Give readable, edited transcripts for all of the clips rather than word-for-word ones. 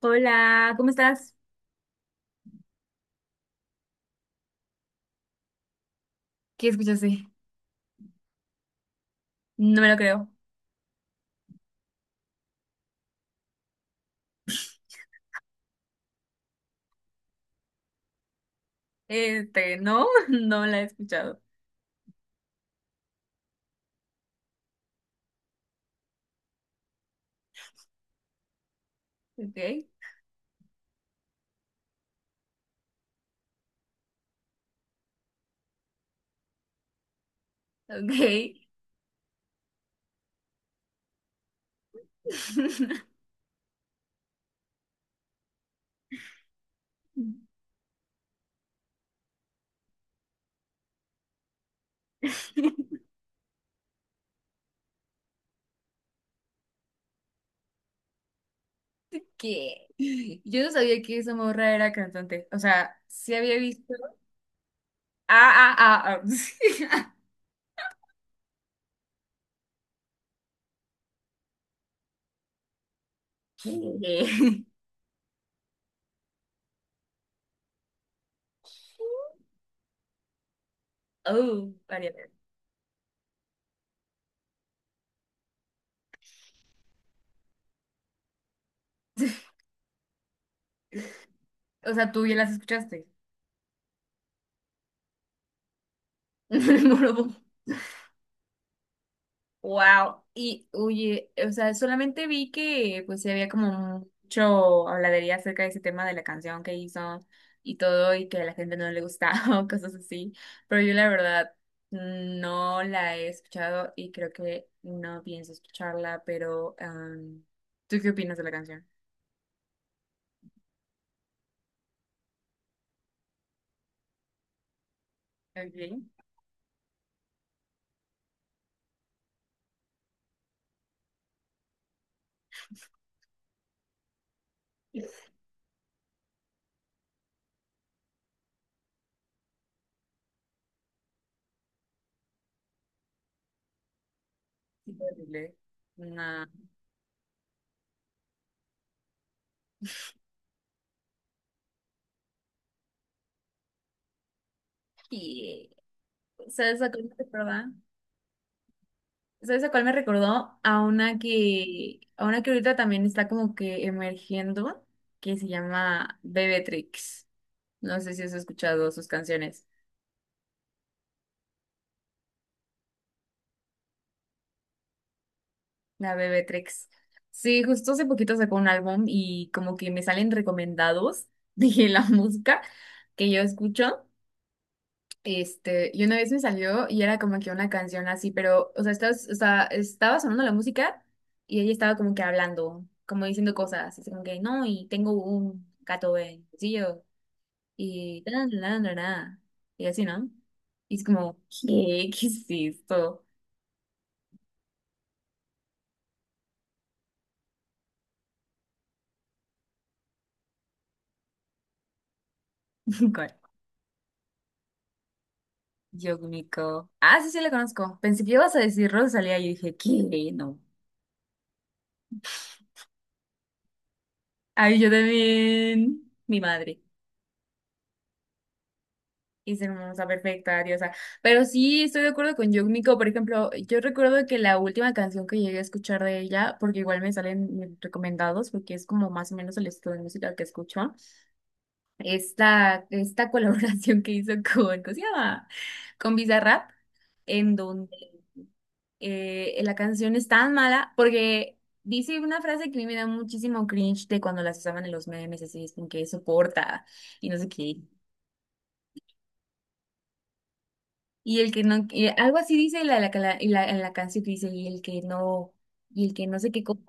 Hola, ¿cómo estás? ¿Qué escuchaste? No me lo creo. Este, no, no la he escuchado. Ok, ok. ¿Qué? Yo no sabía que esa morra era cantante. O sea, sí había visto. Ah, ah, ah, ah. ¿Qué? Oh, Ariana. O sea, tú ya las escuchaste. Me morbo. Wow, y oye, o sea, solamente vi que pues sí había como mucho habladería acerca de ese tema de la canción que hizo y todo y que a la gente no le gustaba o cosas así, pero yo la verdad no la he escuchado y creo que no pienso escucharla, pero ¿tú qué opinas de la canción? Okay. Sí, horrible. No. Y, o sea, esa cosa, ¿verdad? ¿Sabes a cuál me recordó? A una que ahorita también está como que emergiendo, que se llama Bebetrix. No sé si has escuchado sus canciones. La Bebetrix. Sí, justo hace poquito sacó un álbum y como que me salen recomendados de la música que yo escucho. Este, y una vez me salió y era como que una canción así, pero, o sea, estás, o sea, estaba sonando la música y ella estaba como que hablando, como diciendo cosas, así como que, no, y tengo un gato yo y tan, tan, tan, tan", y así, ¿no? Y es como, ¿qué? ¿Qué es esto? Con Yogmiko. Ah, sí, sí, la conozco. Pensé que ibas a decir Rosalía y dije, ¿qué? No. Ay, yo también. Mi madre. Es hermosa, perfecta, diosa. Pero sí, estoy de acuerdo con Yumiko. Por ejemplo, yo recuerdo que la última canción que llegué a escuchar de ella, porque igual me salen recomendados, porque es como más o menos el estilo de música que escucho, esta colaboración que hizo con, ¿cómo se llama? Con Bizarrap, en donde la canción es tan mala, porque dice una frase que a mí me da muchísimo cringe de cuando las usaban en los memes, así es como que soporta y no sé qué. Y el que no, y algo así dice la canción que dice, y el que no, y el que no sé qué cosa.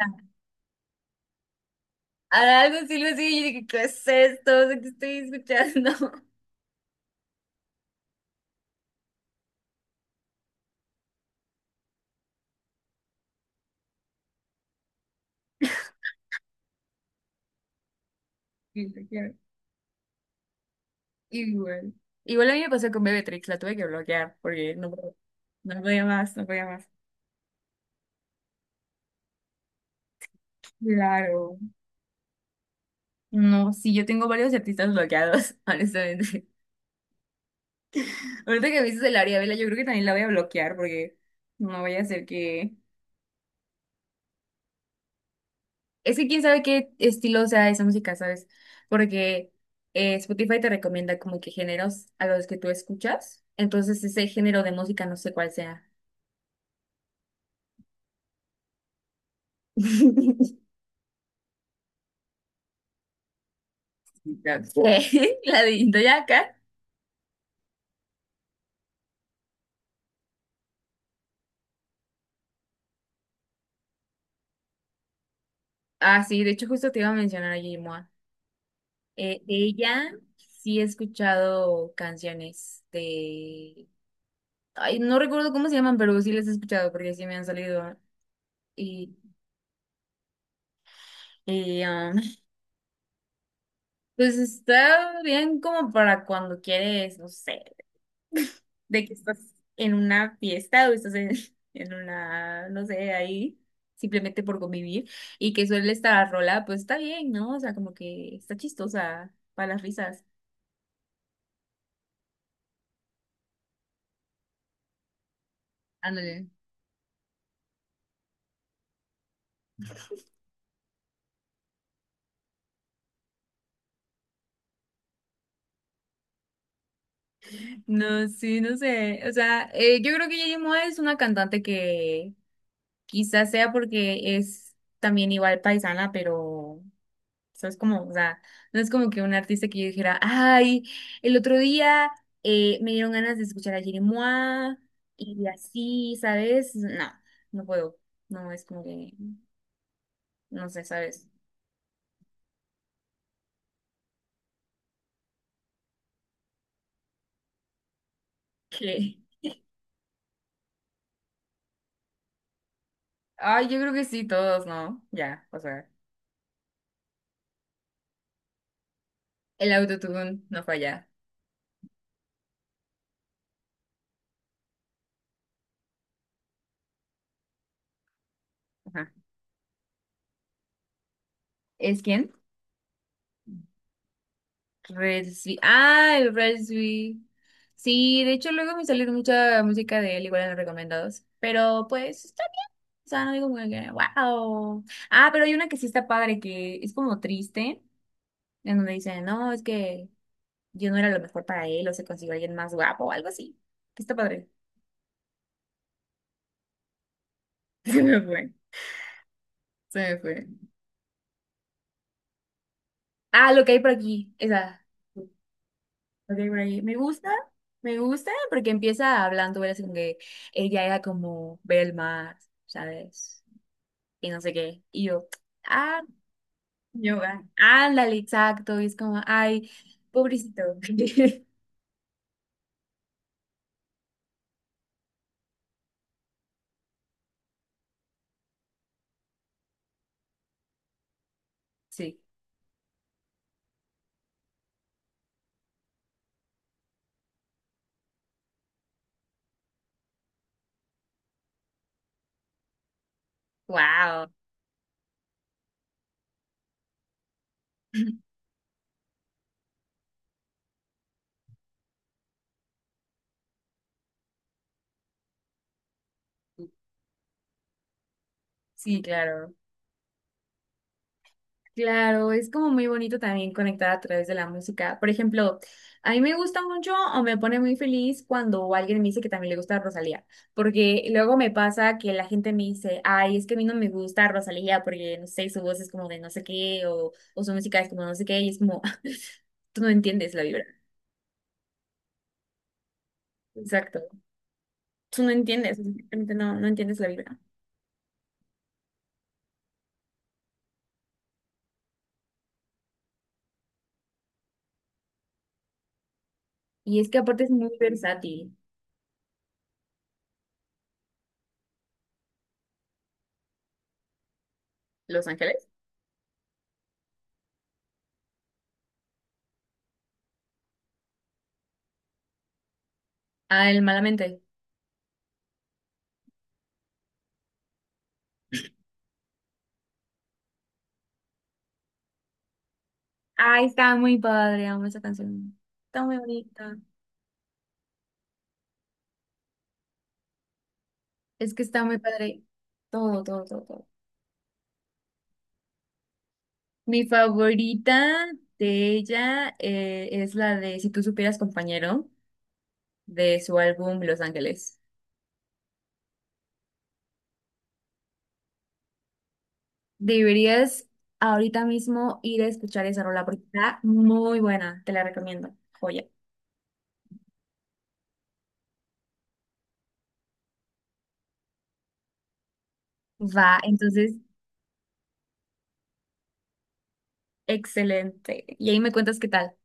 Ah, algo así, lo así, y yo dije, ¿qué es esto? O sea, ¿qué estoy escuchando? Y dije, "qué igual. Igual a mí me pasó con Bebetrix, la tuve que bloquear porque no podía más, no podía más. Claro. No, sí, yo tengo varios artistas bloqueados, honestamente. Ahorita que me dices el Ariadna, yo creo que también la voy a bloquear porque no vaya a ser que es que quién sabe qué estilo sea esa música, ¿sabes? Porque Spotify te recomienda como que géneros a los que tú escuchas. Entonces, ese género de música no sé cuál sea. Ya sé. La de Indoyaka. Ah, sí, de hecho, justo te iba a mencionar a Yimoa. De ella sí he escuchado canciones de. Ay, no recuerdo cómo se llaman, pero sí las he escuchado porque sí me han salido. Y, y pues está bien como para cuando quieres, no sé, de que estás en una fiesta o estás en, en una, no sé, ahí, simplemente por convivir, y que suele estar rola, pues está bien, ¿no? O sea, como que está chistosa para las risas. Ándale. No, sí, no sé. O sea, yo creo que Yeri Moa es una cantante que quizás sea porque es también igual paisana, pero o sea, es como, o sea, no es como que un artista que yo dijera, ay, el otro día me dieron ganas de escuchar a Jerry Mois y así, ¿sabes? No, no puedo. No, es como que, no sé, ¿sabes? Que, ay, yo creo que sí, todos, ¿no? Ya, o sea, el autotune no falla. Ajá. ¿Es quién? Red Swe- ah, el Red Swe- sí, de hecho luego me salió mucha música de él, igual en los recomendados. Pero pues, o sea, no digo como que, wow. Ah, pero hay una que sí está padre, que es como triste, en donde dicen, no, es que yo no era lo mejor para él, o se consiguió alguien más guapo, o algo así. Que está padre. Se me fue, se me fue. Ah, lo que hay por aquí, esa. Lo que hay por aquí. Me gusta, porque empieza hablando, era así como que ella era como ver el mar, ¿sabes? Y no sé qué. Y ah, ándale, exacto. Y es como, ay, pobrecito. Sí. Wow. Sí, claro. Claro, es como muy bonito también conectar a través de la música. Por ejemplo, a mí me gusta mucho o me pone muy feliz cuando alguien me dice que también le gusta Rosalía, porque luego me pasa que la gente me dice, ay, es que a mí no me gusta Rosalía porque, no sé, su voz es como de no sé qué o su música es como no sé qué y es como, tú no entiendes la vibra. Exacto. Tú no entiendes, simplemente no, no entiendes la vibra. Y es que aparte es muy versátil. Los Ángeles. Ah, el Malamente. Ay, está muy padre, amo esa canción. Está muy bonita. Es que está muy padre. Todo, todo, todo, todo. Mi favorita de ella es la de Si tú supieras, compañero, de su álbum Los Ángeles. Deberías ahorita mismo ir a escuchar esa rola porque está muy buena. Te la recomiendo. Joya. Va, entonces, excelente. Y ahí me cuentas qué tal.